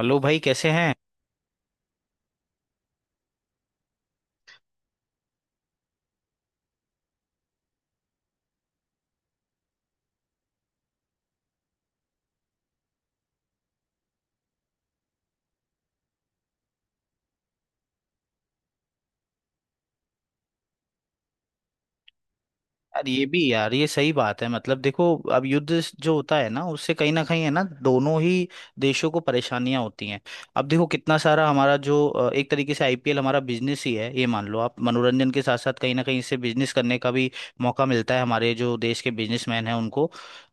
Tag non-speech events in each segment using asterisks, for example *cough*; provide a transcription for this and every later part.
Hello भाई कैसे हैं। यार ये भी, यार ये सही बात है। मतलब देखो, अब युद्ध जो होता है ना, उससे कहीं ना कहीं है ना, दोनों ही देशों को परेशानियां होती हैं। अब देखो कितना सारा हमारा जो एक तरीके से आईपीएल हमारा बिजनेस ही है ये, मान लो आप। मनोरंजन के साथ साथ कहीं ना कहीं इससे बिजनेस करने का भी मौका मिलता है हमारे जो देश के बिजनेसमैन हैं उनको।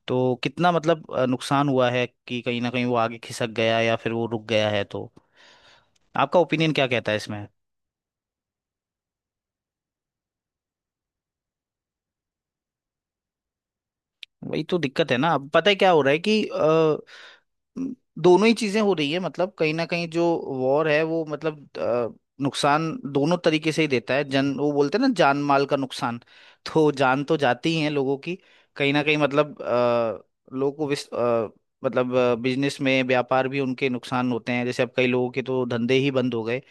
तो कितना मतलब नुकसान हुआ है कि कहीं ना कहीं वो आगे खिसक गया या फिर वो रुक गया है। तो आपका ओपिनियन क्या कहता है इसमें। वही तो दिक्कत है ना। अब पता है क्या हो रहा है कि म, दोनों ही चीजें हो रही है। मतलब कहीं ना कहीं जो वॉर है वो, मतलब नुकसान दोनों तरीके से ही देता है। जन वो बोलते हैं ना, जान माल का नुकसान। *laughs* तो जान तो जाती ही है लोगों की, कहीं ना कहीं। मतलब लोगों को मतलब बिजनेस में व्यापार भी उनके नुकसान होते हैं। जैसे अब कई लोगों के तो धंधे ही बंद हो गए।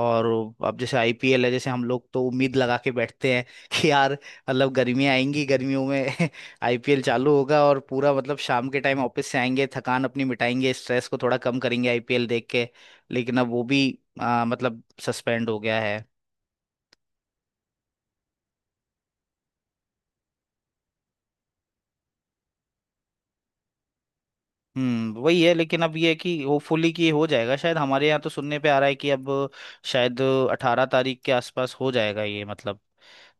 और अब जैसे आईपीएल है, जैसे हम लोग तो उम्मीद लगा के बैठते हैं *laughs* कि यार मतलब गर्मियाँ आएंगी, गर्मियों में *laughs* आईपीएल चालू होगा और पूरा मतलब शाम के टाइम ऑफिस से आएंगे, थकान अपनी मिटाएंगे, स्ट्रेस को थोड़ा कम करेंगे आईपीएल देख के। लेकिन अब वो भी मतलब सस्पेंड हो गया है। हम्म, वही है। लेकिन अब ये है कि होपफुली कि हो जाएगा। शायद हमारे यहाँ तो सुनने पे आ रहा है कि अब शायद 18 तारीख के आसपास हो जाएगा ये, मतलब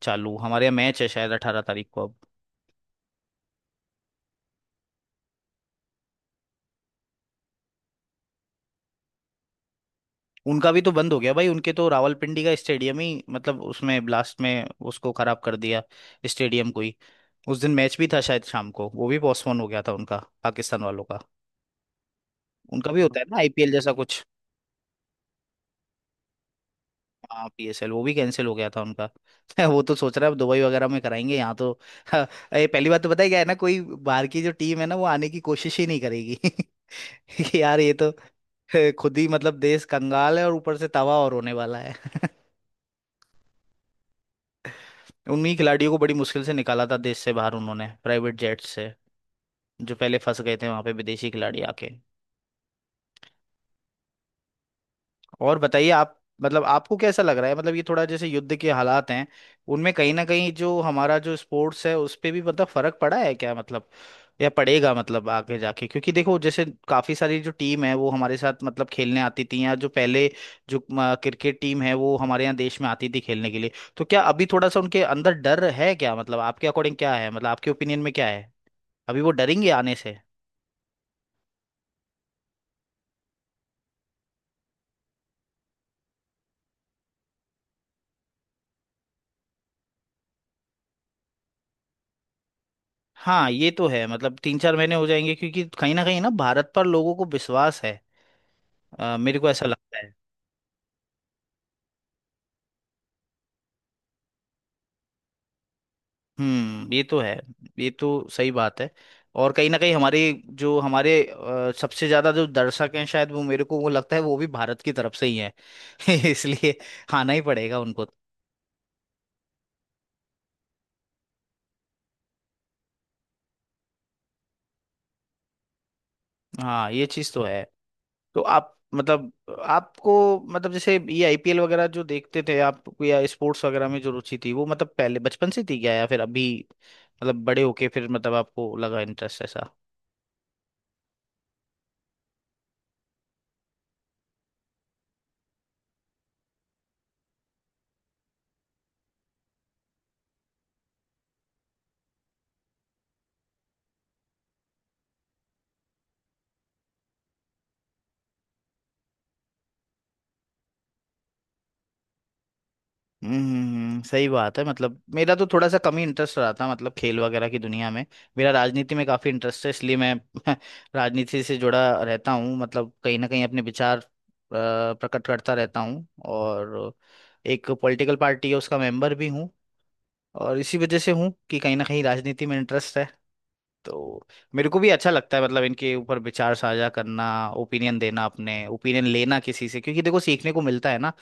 चालू। हमारे यहाँ मैच है शायद 18 तारीख को। उनका भी तो बंद हो गया भाई। उनके तो रावलपिंडी का स्टेडियम ही मतलब उसमें ब्लास्ट में उसको खराब कर दिया, स्टेडियम को ही। उस दिन मैच भी था शायद शाम को, वो भी पोस्टपोन हो गया था उनका, पाकिस्तान वालों का। उनका भी होता है ना आईपीएल जैसा कुछ, हाँ पीएसएल। वो भी कैंसिल हो गया था उनका। *laughs* वो तो सोच रहा है अब दुबई वगैरह में कराएंगे यहाँ तो। *laughs* ये पहली बात तो पता है क्या है ना, कोई बाहर की जो टीम है ना वो आने की कोशिश ही नहीं करेगी। *laughs* कि यार ये तो *laughs* खुद ही मतलब देश कंगाल है और ऊपर से तवा और होने वाला है। उन्हीं खिलाड़ियों को बड़ी मुश्किल से निकाला था देश से बाहर उन्होंने, प्राइवेट जेट से, जो पहले फंस गए थे वहां पे विदेशी खिलाड़ी आके। और बताइए आप, मतलब आपको कैसा लग रहा है? मतलब ये थोड़ा जैसे युद्ध के हालात हैं उनमें कहीं ना कहीं जो हमारा जो स्पोर्ट्स है उस पे भी मतलब फर्क पड़ा है क्या, मतलब या पड़ेगा मतलब आगे जाके? क्योंकि देखो जैसे काफी सारी जो टीम है वो हमारे साथ मतलब खेलने आती थी, या जो पहले जो क्रिकेट टीम है वो हमारे यहाँ देश में आती थी खेलने के लिए। तो क्या अभी थोड़ा सा उनके अंदर डर है क्या मतलब, आपके अकॉर्डिंग क्या है, मतलब आपके ओपिनियन में क्या है? अभी वो डरेंगे आने से? हाँ ये तो है, मतलब तीन चार महीने हो जाएंगे क्योंकि कहीं ना भारत पर लोगों को विश्वास है, मेरे को ऐसा लगता है। हम्म, ये तो है। ये तो सही बात है। और कहीं ना कहीं हमारे जो हमारे सबसे ज्यादा जो दर्शक हैं शायद वो, मेरे को वो लगता है वो भी भारत की तरफ से ही है। *laughs* इसलिए आना ही पड़ेगा उनको। हाँ ये चीज़ तो है। तो आप मतलब आपको मतलब जैसे ये आईपीएल वगैरह जो देखते थे आप, या स्पोर्ट्स वगैरह में जो रुचि थी वो, मतलब पहले बचपन से थी क्या, या फिर अभी मतलब बड़े होके फिर मतलब आपको लगा इंटरेस्ट ऐसा? हम्म, सही बात है। मतलब मेरा तो थोड़ा सा कम ही इंटरेस्ट रहा था मतलब खेल वगैरह की दुनिया में। मेरा राजनीति में काफी इंटरेस्ट है, इसलिए मैं *laughs* राजनीति से जुड़ा रहता हूँ। मतलब कहीं ना कहीं अपने विचार प्रकट करता रहता हूँ। और एक पॉलिटिकल पार्टी है उसका मेंबर भी हूँ, और इसी वजह से हूँ कि कहीं ना कहीं राजनीति में इंटरेस्ट है। तो मेरे को भी अच्छा लगता है मतलब इनके ऊपर विचार साझा करना, ओपिनियन देना अपने, ओपिनियन लेना किसी से, क्योंकि देखो सीखने को मिलता है ना।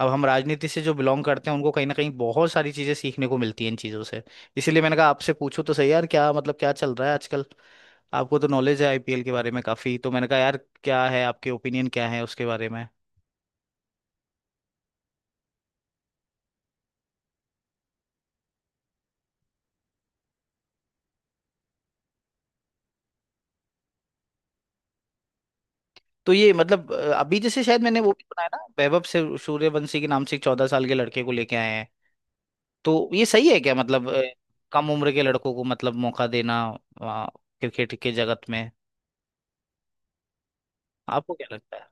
अब हम राजनीति से जो बिलोंग करते हैं उनको कहीं ना कहीं बहुत सारी चीजें सीखने को मिलती हैं इन चीजों से। इसीलिए मैंने कहा आपसे पूछूं तो सही यार, क्या मतलब क्या चल रहा है आजकल। आपको तो नॉलेज है आईपीएल के बारे में काफी, तो मैंने कहा यार क्या है आपके, ओपिनियन क्या है उसके बारे में। तो ये मतलब अभी जैसे शायद मैंने वो भी सुना है ना वैभव से सूर्यवंशी के नाम से एक 14 साल के लड़के को लेके आए हैं। तो ये सही है क्या मतलब कम उम्र के लड़कों को मतलब मौका देना अ, क्रिकेट के जगत में? आपको क्या लगता है?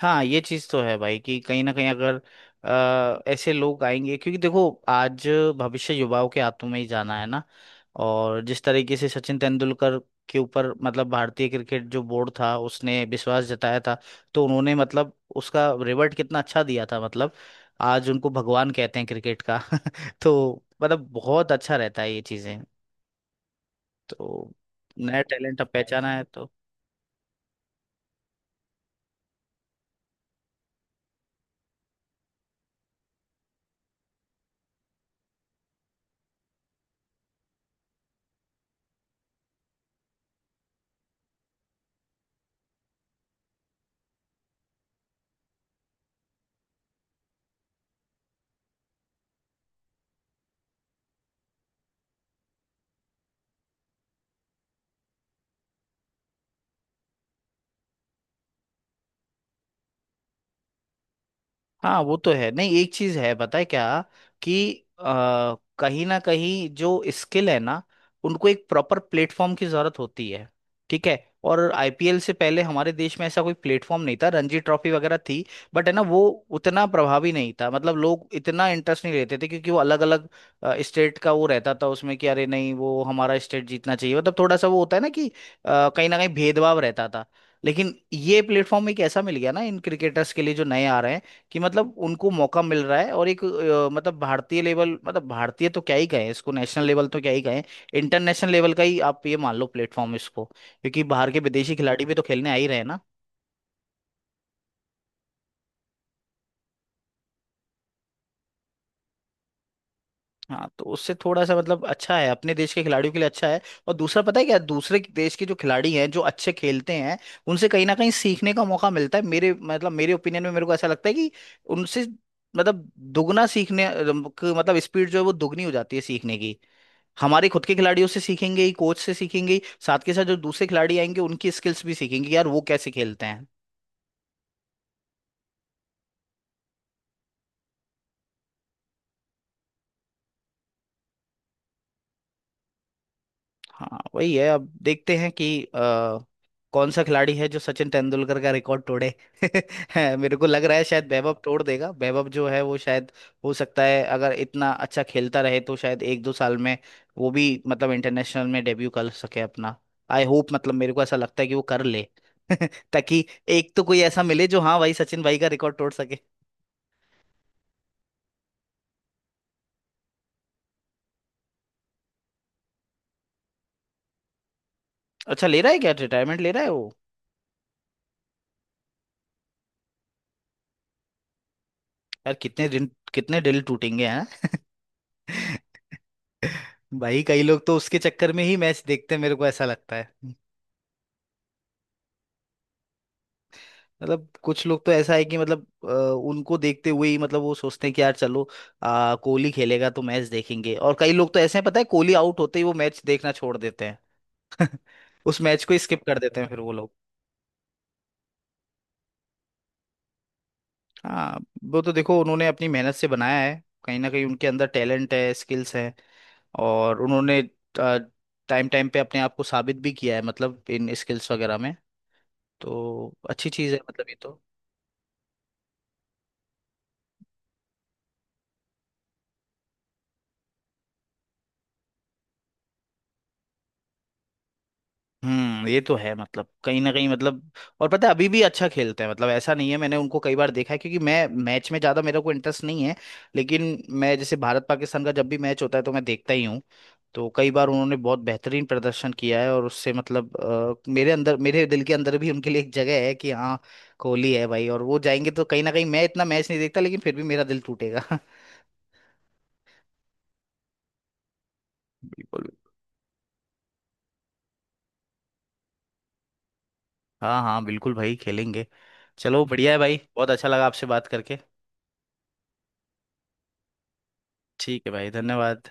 हाँ ये चीज तो है भाई, कि कहीं ना कहीं अगर ऐसे लोग आएंगे, क्योंकि देखो आज भविष्य युवाओं के हाथों में ही जाना है ना। और जिस तरीके से सचिन तेंदुलकर के ऊपर मतलब भारतीय क्रिकेट जो बोर्ड था उसने विश्वास जताया था, तो उन्होंने मतलब उसका रिवर्ट कितना अच्छा दिया था, मतलब आज उनको भगवान कहते हैं क्रिकेट का। *laughs* तो मतलब बहुत अच्छा रहता है ये चीजें तो। नया टैलेंट अब पहचाना है तो। हाँ वो तो है, नहीं एक चीज है पता है क्या, कि कहीं ना कहीं जो स्किल है ना उनको एक प्रॉपर प्लेटफॉर्म की जरूरत होती है, ठीक है। और आईपीएल से पहले हमारे देश में ऐसा कोई प्लेटफॉर्म नहीं था। रणजी ट्रॉफी वगैरह थी बट है ना वो उतना प्रभावी नहीं था, मतलब लोग इतना इंटरेस्ट नहीं लेते थे, क्योंकि वो अलग अलग स्टेट का वो रहता था उसमें, कि अरे नहीं वो हमारा स्टेट जीतना चाहिए, मतलब थोड़ा सा वो होता है ना, कि कहीं ना कहीं भेदभाव रहता था। लेकिन ये प्लेटफॉर्म एक ऐसा मिल गया ना इन क्रिकेटर्स के लिए जो नए आ रहे हैं, कि मतलब उनको मौका मिल रहा है, और एक मतलब भारतीय लेवल, मतलब भारतीय तो क्या ही कहें इसको, नेशनल लेवल तो क्या ही कहें, इंटरनेशनल लेवल का ही आप ये मान लो प्लेटफॉर्म इसको, क्योंकि बाहर के विदेशी खिलाड़ी भी तो खेलने आ ही रहे हैं ना। हाँ तो उससे थोड़ा सा मतलब अच्छा है, अपने देश के खिलाड़ियों के लिए अच्छा है। और दूसरा पता है क्या, दूसरे देश के जो खिलाड़ी हैं जो अच्छे खेलते हैं उनसे कहीं ना कहीं सीखने का मौका मिलता है। मेरे मतलब मेरे ओपिनियन में मेरे को ऐसा लगता है कि उनसे मतलब दुगना सीखने मतलब स्पीड जो है वो दुगनी हो जाती है सीखने की। हमारे खुद के खिलाड़ियों से सीखेंगे ही, कोच से सीखेंगे ही, साथ के साथ जो दूसरे खिलाड़ी आएंगे उनकी स्किल्स भी सीखेंगे कि यार वो कैसे खेलते हैं। हाँ वही है। अब देखते हैं कि कौन सा खिलाड़ी है जो सचिन तेंदुलकर का रिकॉर्ड तोड़े। *laughs* है, मेरे को लग रहा है शायद वैभव तोड़ देगा। वैभव जो है वो शायद हो सकता है, अगर इतना अच्छा खेलता रहे तो शायद एक दो साल में वो भी मतलब इंटरनेशनल में डेब्यू कर सके अपना। आई होप, मतलब मेरे को ऐसा लगता है कि वो कर ले। *laughs* ताकि एक तो कोई ऐसा मिले जो, हाँ भाई सचिन भाई का रिकॉर्ड तोड़ सके। अच्छा, ले रहा है क्या, रिटायरमेंट ले रहा है वो? यार कितने दिन, कितने दिल टूटेंगे हैं। *laughs* भाई कई लोग तो उसके चक्कर में ही मैच देखते हैं, मेरे को ऐसा लगता है। मतलब कुछ लोग तो ऐसा है कि मतलब उनको देखते हुए ही मतलब वो सोचते हैं कि यार चलो कोहली खेलेगा तो मैच देखेंगे। और कई लोग तो ऐसे हैं पता है, कोहली आउट होते ही वो मैच देखना छोड़ देते हैं। *laughs* उस मैच को स्किप कर देते हैं फिर वो लोग। हाँ, वो तो देखो उन्होंने अपनी मेहनत से बनाया है। कहीं ना कहीं उनके अंदर टैलेंट है, स्किल्स है, और उन्होंने टाइम टाइम पे अपने आप को साबित भी किया है, मतलब इन स्किल्स वगैरह में। तो अच्छी चीज़ है मतलब ये तो। हम्म, ये तो है। मतलब कहीं ना कहीं, मतलब और पता है अभी भी अच्छा खेलते हैं मतलब, ऐसा नहीं है। मैंने उनको कई बार देखा है, क्योंकि मैं मैच में ज्यादा मेरे को इंटरेस्ट नहीं है, लेकिन मैं जैसे भारत पाकिस्तान का जब भी मैच होता है तो मैं देखता ही हूँ। तो कई बार उन्होंने बहुत बेहतरीन प्रदर्शन किया है, और उससे मतलब मेरे अंदर मेरे दिल के अंदर भी उनके लिए एक जगह है कि हाँ कोहली है भाई, और वो जाएंगे तो कहीं ना कहीं मैं इतना मैच नहीं देखता लेकिन फिर भी मेरा दिल टूटेगा। *laughs* बिल्कुल। हाँ हाँ बिल्कुल भाई, खेलेंगे। चलो बढ़िया है भाई, बहुत अच्छा लगा आपसे बात करके। ठीक है भाई, धन्यवाद।